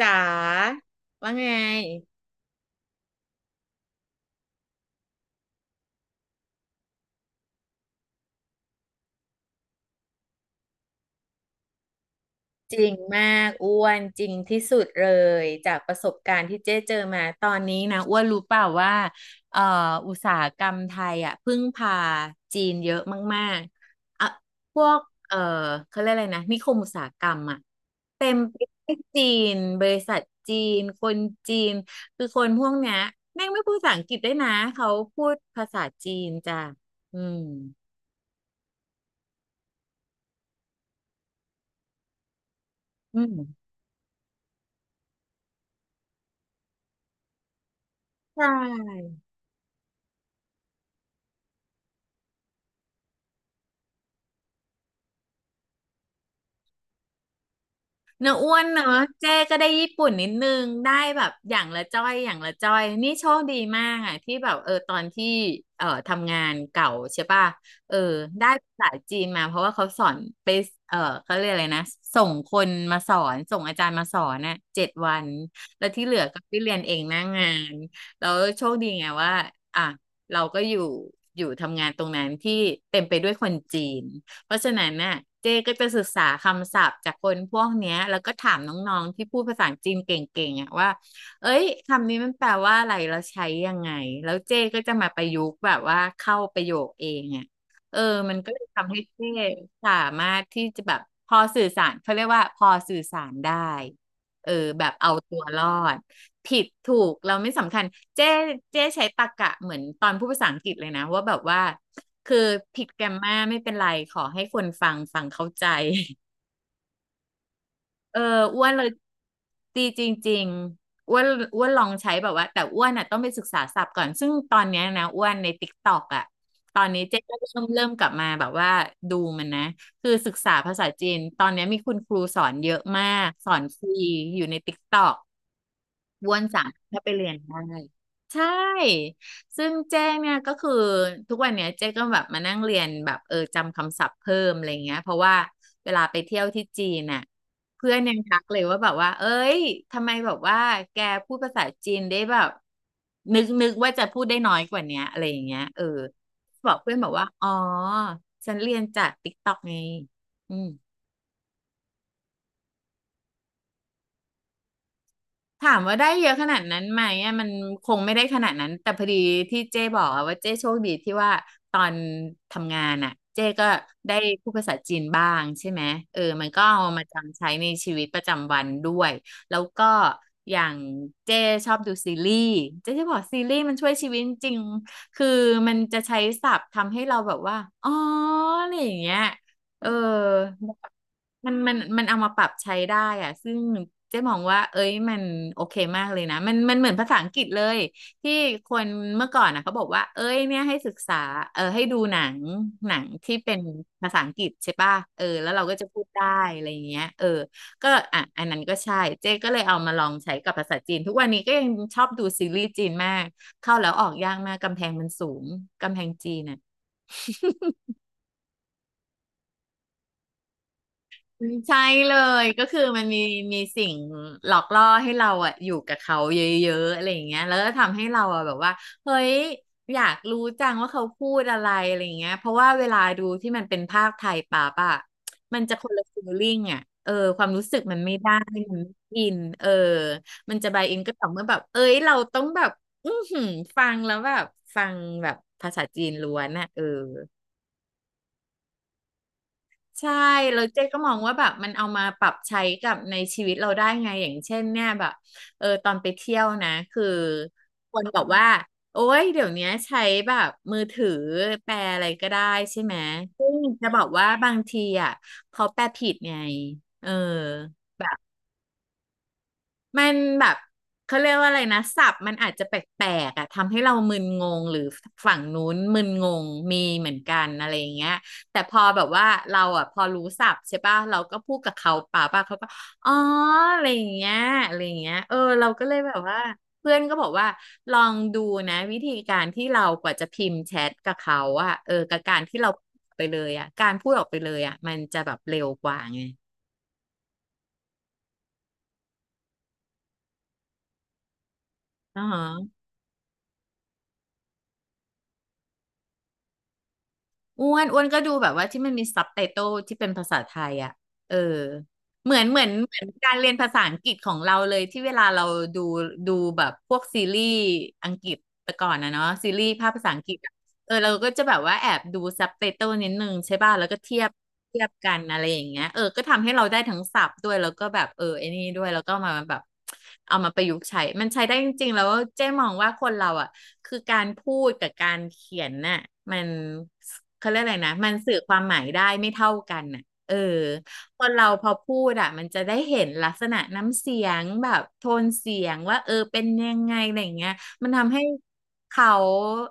จ๋าว่าไงจริงมากอ้วนจริงที่สุดเลยจากประสบการณ์ที่เจ๊เจอมาตอนนี้นะอ้วนรู้เปล่าว่าเอ่ออุตสาหกรรมไทยอ่ะพึ่งพาจีนเยอะมากๆอ่ะพวกเอ่อเขาเรียกอะไรนะนิคมอุตสาหกรรมอ่ะเต็มไปด้วยจีนบริษัทจีนคนจีนคือคนพวกเนี้ยแม่งไม่พูดภาษาอังกฤษด้วยนะเขาพูดภาษาจีนจ้ะอืมอืมใช่ เนื้ออ้วนเนอะเจ๊ก็ได้ญี่ปุ่นนิดนึงได้แบบอย่างละจ้อยอย่างละจ้อยนี่โชคดีมากอ่ะที่แบบเออตอนที่ทำงานเก่าใช่ป่ะเออได้ภาษาจีนมาเพราะว่าเขาสอนไปเออเขาเรียกอะไรนะส่งคนมาสอนส่งอาจารย์มาสอนน่ะ7 วันแล้วที่เหลือก็ไปเรียนเองหน้างานแล้วโชคดีไงว่าอ่ะเราก็อยู่อยู่ทำงานตรงนั้นที่เต็มไปด้วยคนจีน เพราะฉะนั้นน่ะเจ๊ก็จะศึกษาคำศัพท์จากคนพวกเนี้ยแล้วก็ถามน้องๆที่พูดภาษาจีนเก่งๆอ่ะว่าเอ้ยคำนี้มันแปลว่าอะไรเราใช้ยังไงแล้วเจ๊ก็จะมาประยุกต์แบบว่าเข้าประโยคเองอ่ะเออมันก็เลยทำให้เจ๊สามารถที่จะแบบพอสื่อสารเขาเรียกว่าพอสื่อสารได้เออแบบเอาตัวรอดผิดถูกเราไม่สำคัญเจ๊เจ๊ใช้ตรรกะเหมือนตอนพูดภาษาอังกฤษเลยนะว่าแบบว่า คือผิดแกรมมาไม่เป็นไรขอให้คนฟังฟังเข้าใจเอออ้วนเลยดีจริงๆอ้วนลองใช้แบบว่าแต่อ้วนอ่ะต้องไปศึกษาศัพท์ก่อนซึ่งตอนเนี้ยนะอ้วนในติ๊กตอกอ่ะตอนนี้เจ๊ก็เริ่มกลับมาแบบว่าดูมันนะคือศึกษาภาษาจีนตอนเนี้ยมีคุณครูสอนเยอะมากสอนฟรีอยู่ในติ๊กตอก บ้วนสามถ้าไปเรียนได้ใช่ซึ่งเจ้เนี่ยก็คือทุกวันเนี้ยเจ้ก็แบบมานั่งเรียนแบบเออจำคำศัพท์เพิ่มอะไรเงี้ยเพราะว่าเวลาไปเที่ยวที่จีนน่ะเพื่อนยังทักเลยว่าแบบว่าเอ้ยทำไมแบบว่าแกพูดภาษาจีนได้แบบนึกว่าจะพูดได้น้อยกว่าเนี้ยอะไรอย่างเงี้ยเออบอกเพื่อนบอกว่าอ๋อฉันเรียนจากติ๊กต็อกไงอืม ถามว่าได้เยอะขนาดนั้นไหมอ่ะมันคงไม่ได้ขนาดนั้นแต่พอดีที่เจ้บอกอะว่าเจ้โชคดีที่ว่าตอนทำงานอ่ะเจ้ก็ได้พูดภาษาจีนบ้างใช่ไหมเออมันก็เอามาจำใช้ในชีวิตประจำวันด้วยแล้วก็อย่างเจ้ชอบดูซีรีส์เจ้จะบอกซีรีส์มันช่วยชีวิตจริงคือมันจะใช้ศัพท์ทำให้เราแบบว่าอ๋ออะไรอย่างเงี้ยเออ มันเอามาปรับใช้ได้อะซึ่งเจ๊มองว่าเอ้ยมันโอเคมากเลยนะ มันเหมือนภาษาอังกฤษเลยที่คนเมื่อก่อนนะเขาบอกว่าเอ้ยเนี่ยให้ศึกษาเออให้ดูหนังหนังที่เป็นภาษาอังกฤษใช่ป่ะเออแล้วเราก็จะพูดได้อะไรอย่างเงี้ยเออก็อ่ะอันนั้นก็ใช่เจ๊ก็เลยเอามาลองใช้กับภาษาจีนทุกวันนี้ก็ยังชอบดูซีรีส์จีนมากเข้าแล้วออกยากมากกำแพงมันสูงกำแพงจีนอ่ะ ใช่เลยก็คือมันมีมีสิ่งหลอกล่อให้เราอะอยู่กับเขาเยอะๆอะไรอย่างเงี้ยแล้วก็ทำให้เราอะแบบว่าเฮ้ยอยากรู้จังว่าเขาพูดอะไรอะไรอย่างเงี้ยเพราะว่าเวลาดูที่มันเป็นภาคไทยป่๊ป่ะมันจะคนละฟีลลิ่งอะเออความรู้สึกมันไม่ได้มันไม่อินเออมันจะบายอินก็ต่อเมื่อแบบเอ้ยเราต้องแบบอื้อหือฟังแล้วแบบฟังแบบภาษาจีนล้วนอะเออ ใช่แล้วเจ๊ก็มองว่าแบบมันเอามาปรับใช้กับในชีวิตเราได้ไง อย่างเช่นเนี่ยแบบ เออตอนไปเที่ยวนะ คือคนบอกว่าโอ๊ยเดี๋ยวเนี้ยใช้แบบมือถือแปลอะไรก็ได้ใช่ไหมซึ่งจะบอกว่าบางทีอ่ะเขาแปลผิดไง เออแบบ มันแบบเขาเรียกว่าอะไรนะศัพท์มันอาจจะแปลกๆอ่ะทำให้เรามึนงงหรือฝั่งนู้นมึนงงมีเหมือนกันอะไรอย่างเงี้ยแต่พอแบบว่าเราอ่ะพอรู้ศัพท์ใช่ป่ะเราก็พูดกับเขาป่าป่ะเขาก็อ๋ออะไรอย่างเงี้ยอะไรอย่างเงี้ยเออเราก็เลยแบบว่าเพื่อนก็บอกว่าลองดูนะวิธีการที่เรากว่าจะพิมพ์แชทกับเขาอ่ะเออกับการที่เราไปเลยอ่ะการพูดออกไปเลยอ่ะมันจะแบบเร็วกว่าไงอ๋อ อ้วนก็ดูแบบว่าที่มันมีซับไตเติลที่เป็นภาษาไทยอ่ะเออ เหมือนการเรียนภาษาอังกฤษของเราเลยที่เวลาเราดูดูแบบพวกซีรีส์อังกฤษแต่ก่อนนะเนาะซีรีส์ภาคภาษาอังกฤษ เออเราก็จะแบบว่าแอบดูซับไตเติลนิดนึงใช่ป่ะแล้วก็เทียบเทียบกันอะไรอย่างเงี้ยเออก็ทำให้เราได้ทั้งศัพท์ด้วยแล้วก็แบบเออไอ้นี่ด้วยแล้วก็มาแบบเอามาประยุกต์ใช้มันใช้ได้จริงๆแล้วเจ๊มองว่าคนเราอ่ะคือการพูดกับการเขียนน่ะมันเขาเรียกอะไรนะมันสื่อความหมายได้ไม่เท่ากันน่ะเออคนเราพอพูดอ่ะมันจะได้เห็นลักษณะน้ำเสียงแบบโทนเสียงว่าเออเป็นยังไงอะไรอย่างเงี้ย มันทำให้เขา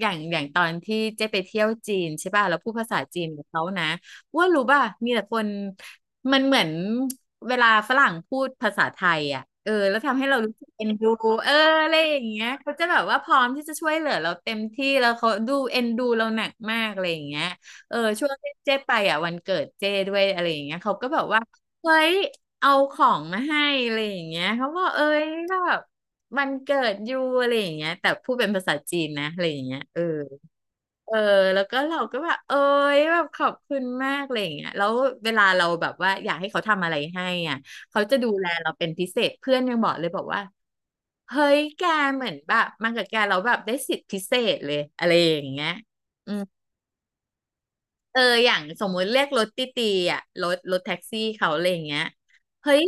อย่างอย่างตอนที่เจ๊ไปเที่ยวจีนใช่ป่ะแล้วพูดภาษาจีนกับเขานะว่ารู้ป่ะมีแต่คนมันเหมือนเวลาฝรั่งพูดภาษาไทยอ่ะเออแล้วทำให้เรารู้สึกเอ็นดูเอออะไรอย่างเงี้ยเขาจะแบบว่าพร้อมที่จะช่วยเหลือเราเต็มที่แล้วเขาดูเอ็นดูเราหนักมากอะไรอย่างเงี้ยเออช่วงที่เจ๊ไปอ่ะวันเกิดเจ๊ด้วยอะไรอย่างเงี้ยเขาก็แบบว่าเฮ้ยเอาของมาให้อะไรอย่างเงี้ยเขาบอกเอ้ยก็แบบ มันเกิดอยู่อะไรอย่างเงี้ยแต่พูดเป็นภาษาจีนนะอะไรอย่างเงี้ยเออแล้วก็เราก็แบบเอ้ยแบบขอบคุณมากอะไรอย่างเงี้ยแล้วเวลาเราแบบว่าอยากให้เขาทำอะไรให้อ่ะเขาจะดูแลเราเป็นพิเศษเพื่อนยังบอกเลยบอกว่าเฮ้ยแกเหมือนแบบมากับแกเราแล้วแบบได้สิทธิพิเศษเลยอะไรอย่างเงี้ยอื เอออย่างสมมุติเรียกรถตี้ตีอ่ะรถแท็กซี่เขาอะไรอย่างเงี้ยเฮ้ย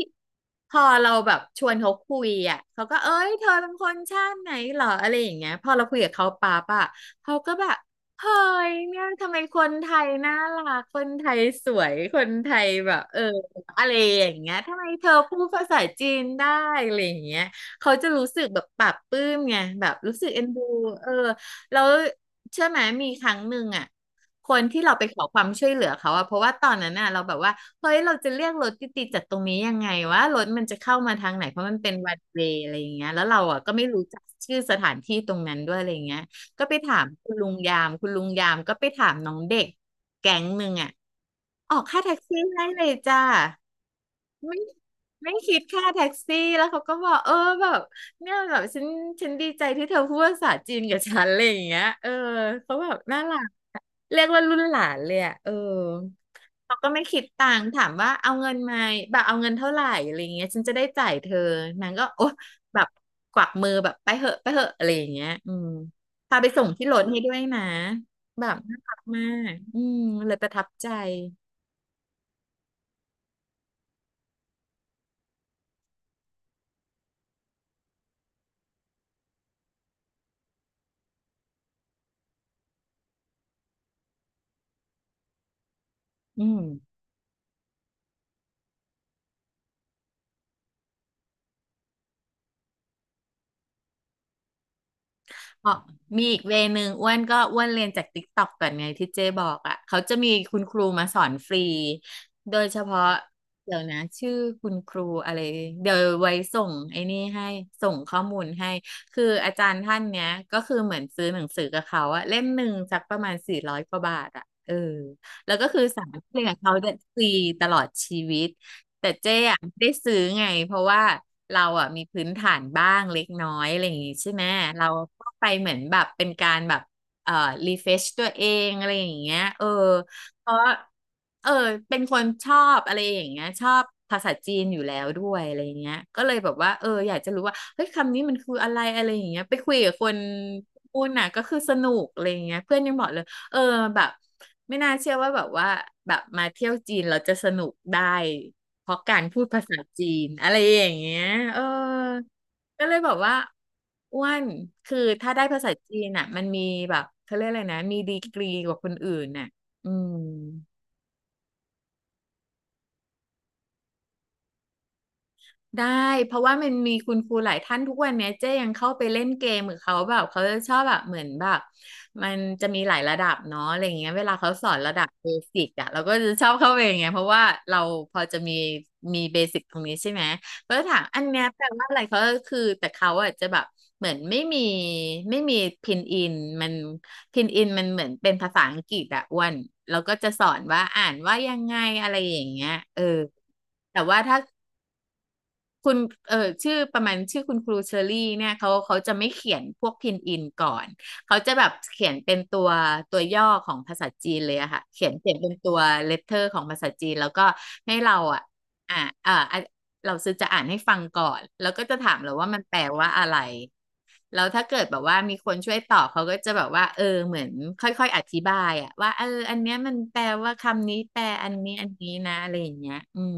พอเราแบบชวนเขาคุยอ่ะเขาก็เอ้ยเธอเป็นคนชาติไหนเหรออะไรอย่างเงี้ยพอเราคุยกับเขาปั๊บอ่ะเขาก็แบบเฮ้ยเนี่ยทำไมคนไทยน่ารักคนไทยสวยคนไทยแบบเอออะไรอย่างเงี้ยทำไมเธอพูดภาษาจีนได้อะไรอย่างเงี้ยเขาจะรู้สึกแบบปลาบปลื้มไงแบบรู้สึกเอ็นดูเออแล้วเชื่อไหมมีครั้งหนึ่งอ่ะ คนที่เราไปขอความช่วยเหลือเขาอะเพราะว่าตอนนั้นน่ะเราแบบว่าเฮ้ยเราจะเรียกรถติดๆจากตรงนี้ยังไงว่ารถมันจะเข้ามาทางไหนเพราะมันเป็นวันเวย์อะไรอย่างเงี้ยแล้วเราอะก็ไม่รู้จักชื่อสถานที่ตรงนั้นด้วยอะไรอย่างเงี้ยก็ไปถามคุณลุงยามคุณลุงยามก็ไปถามน้องเด็กแก๊งหนึ่งอะออกค่าแท็กซี่ให้เลยจ้าไม่ไม่คิดค่าแท็กซี่แล้วเขาก็บอกเออแบบเนี่ยแบบฉันดีใจที่เธอพูดภาษาจีนกับฉันอะไรอย่างเงี้ยเออเขาแบบน่ารัก เรียกว่ารุ่นหลานเลยอ่ะเออเขาก็ไม่คิดตังค์ถามว่าเอาเงินไหมาแบบเอาเงินเท่าไหร่อะไรเงี้ยฉันจะได้จ่ายเธอนางก็โอ๊ะแบบกวักมือแบบไปเหอะไปเหอะอะไรอย่างเงี้ยอืมพาไปส่งที่รถให้ด้วยนะ แบบน่ารักมากอืมเลยประทับใจอืม อ๋อมีอีกเวนึงอ้วนก็อ้วนเรียนจากติ๊กต็อกก่อนไงที่เจ๊บอกอ่ะเขาจะมีคุณครูมาสอนฟรีโดยเฉพาะเดี๋ยวนะชื่อคุณครูอะไรเดี๋ยวไว้ส่งไอ้นี่ให้ส่งข้อมูลให้คืออาจารย์ท่านเนี้ยก็คือเหมือนซื้อหนังสือกับเขาอะเล่มหนึ่งสักประมาณ400กว่าบาทอะเออแล้วก็คือสามารถเรียนกับเขาได้ฟรีตลอดชีวิต แต่เจ๊อะไม่ได้ซื้อไงเพราะว่าเราอะมีพื้นฐานบ้างเล็กน้อยอะไรอย่างงี้ใช่ไหมเราก็ไปเหมือนแบบเป็นการแบบเอ่อรีเฟชตัวเองอะไรอย่างเงี้ยเออเพราะเออเป็นคนชอบอะไรอย่างเงี้ยชอบภาษาจีนอยู่แล้วด้วยอะไรอย่างเงี้ยก็เลยแบบว่าเอออยากจะรู้ว่าเฮ้ยคำนี้มันคืออะไรอะไรอย่างเงี้ยไปคุยกับคนพูดน่ะก็คือสนุกอะไรอย่างเงี้ยเพื่อนยังบอกเลย เออแบบไม่น่าเชื่อว่าแบบว่าแบบมาเที่ยวจีนเราจะสนุกได้เพราะการพูดภาษาจีนอะไรอย่างเงี้ยเออก็เลยบอกว่าอ้วนคือถ้าได้ภาษาจีนอ่ะมันมีแบบเขาเรียกอะไรนะมีดีกรีกว่าคนอื่นน่ะอืม ได้เพราะว่ามันมีคุณครูหลายท่านทุกวันเนี้ยเจ๊ยังเข้าไปเล่นเกมกับเขาแบบเขาจะชอบแบบเหมือนแบบมันจะมีหลายระดับเนาะอะไรอย่างเงี้ยเวลาเขาสอนระดับเบสิกอะเราก็จะชอบเข้าไปอย่างเงี้ยเพราะว่าเราพอจะมีมีเบสิกตรงนี้ใช่ไหมก็จะถามอันเนี้ยแปลว่าอะไรเขาก็คือแต่เขาอะจะแบบเหมือนไม่มีพินอินมันพินอินมันเหมือนเป็นภาษาอังกฤษอะอ้วนเราก็จะสอนว่าอ่านว่ายังไงอะไรอย่างเงี้ยแต่ว่าถ้า คุณเออชื่อประมาณชื่อคุณครูเชอรี่เนี่ยเขาจะไม่เขียนพวกพินอินก่อนเขาจะแบบเขียนเป็นตัวตัวย่อของภาษาจีนเลยอะค่ะเขียนเขียนเป็นตัวเลตเตอร์ของภาษาจีนแล้วก็ให้เราอะอ่าอ่าอ่ะเราซื้อจะอ่านให้ฟังก่อนแล้วก็จะถามเราว่ามันแปลว่าอะไรแล้วถ้าเกิดแบบว่ามีคนช่วยตอบเขาก็จะแบบว่าเหมือนค่อยๆอธิบายอะว่าอันเนี้ยมันแปลว่าคำนี้แปลอันนี้อันนี้นะอะไรอย่างเงี้ยอืม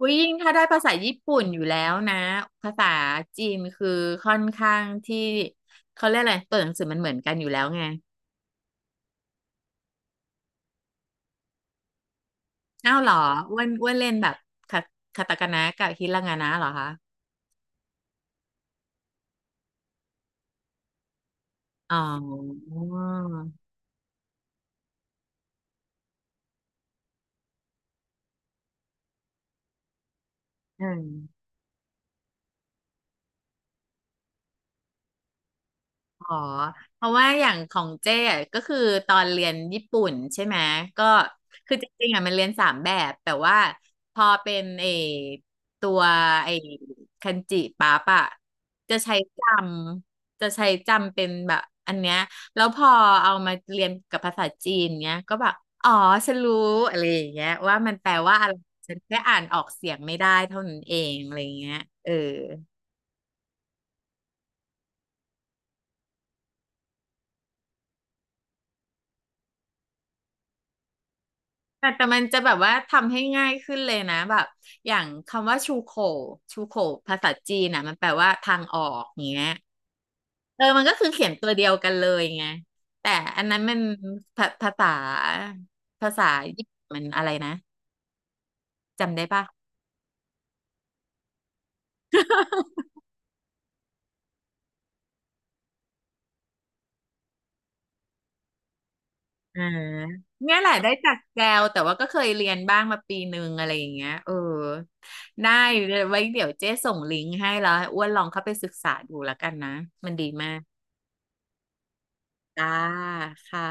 อุ๊ยยิ่งถ้าได้ภาษาญี่ปุ่นอยู่แล้วนะภาษาจีนคือค่อนข้างที่เขาเรียกอะไรตัวหนังสือมันเหมือนกันอยู่แล้วไงอ้าวเหรออ้วนเล่นแบบคาคาตาคานะกับฮิรางานะเหรอคะอ๋ออืม อ๋อ เพราะว่าอย่างของเจ้อะก็คือตอนเรียนญี่ปุ่นใช่ไหมก็คือจริงๆอ่ะมันเรียนสามแบบแต่ว่าพอเป็นไอตัวไอคันจิปั๊บอะจะใช้จจะใช้จำเป็นแบบอันเนี้ยแล้วพอเอามาเรียนกับภาษาจีนเนี้ยก็แบบอ๋อฉันรู้อะไรอย่างเงี้ยว่ามันแปลว่าอะไรฉันแค่อ่านออกเสียงไม่ได้เท่านั้นเองอะไรอย่างเงี้ยเออ แต่มันจะแบบว่าทำให้ง่ายขึ้นเลยนะแบบอย่างคำว่าชูโขภาษาจีนนะมันแปลว่าทางออกอย่างเงี้ยมันก็คือเขียนตัวเดียวกันเลยไงแต่อันนั้นมันภาภาษาภาษาญี่ปุ่นมันอะไรนะจำได้ปะอ่าเนี่ยแหละได้จากแกวแต่ว่าก็เคยเรียนบ้างมาปีหนึงอะไรอย่างเงี้ยได้ไว้เดี๋ยวเจ๊ส่งลิงก์ให้แล้วให้อ้วนลองเข้าไปศึกษาดูแล้วกันนะมันดีมากจ้าค่ะ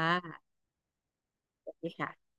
สวัสดีค่ะ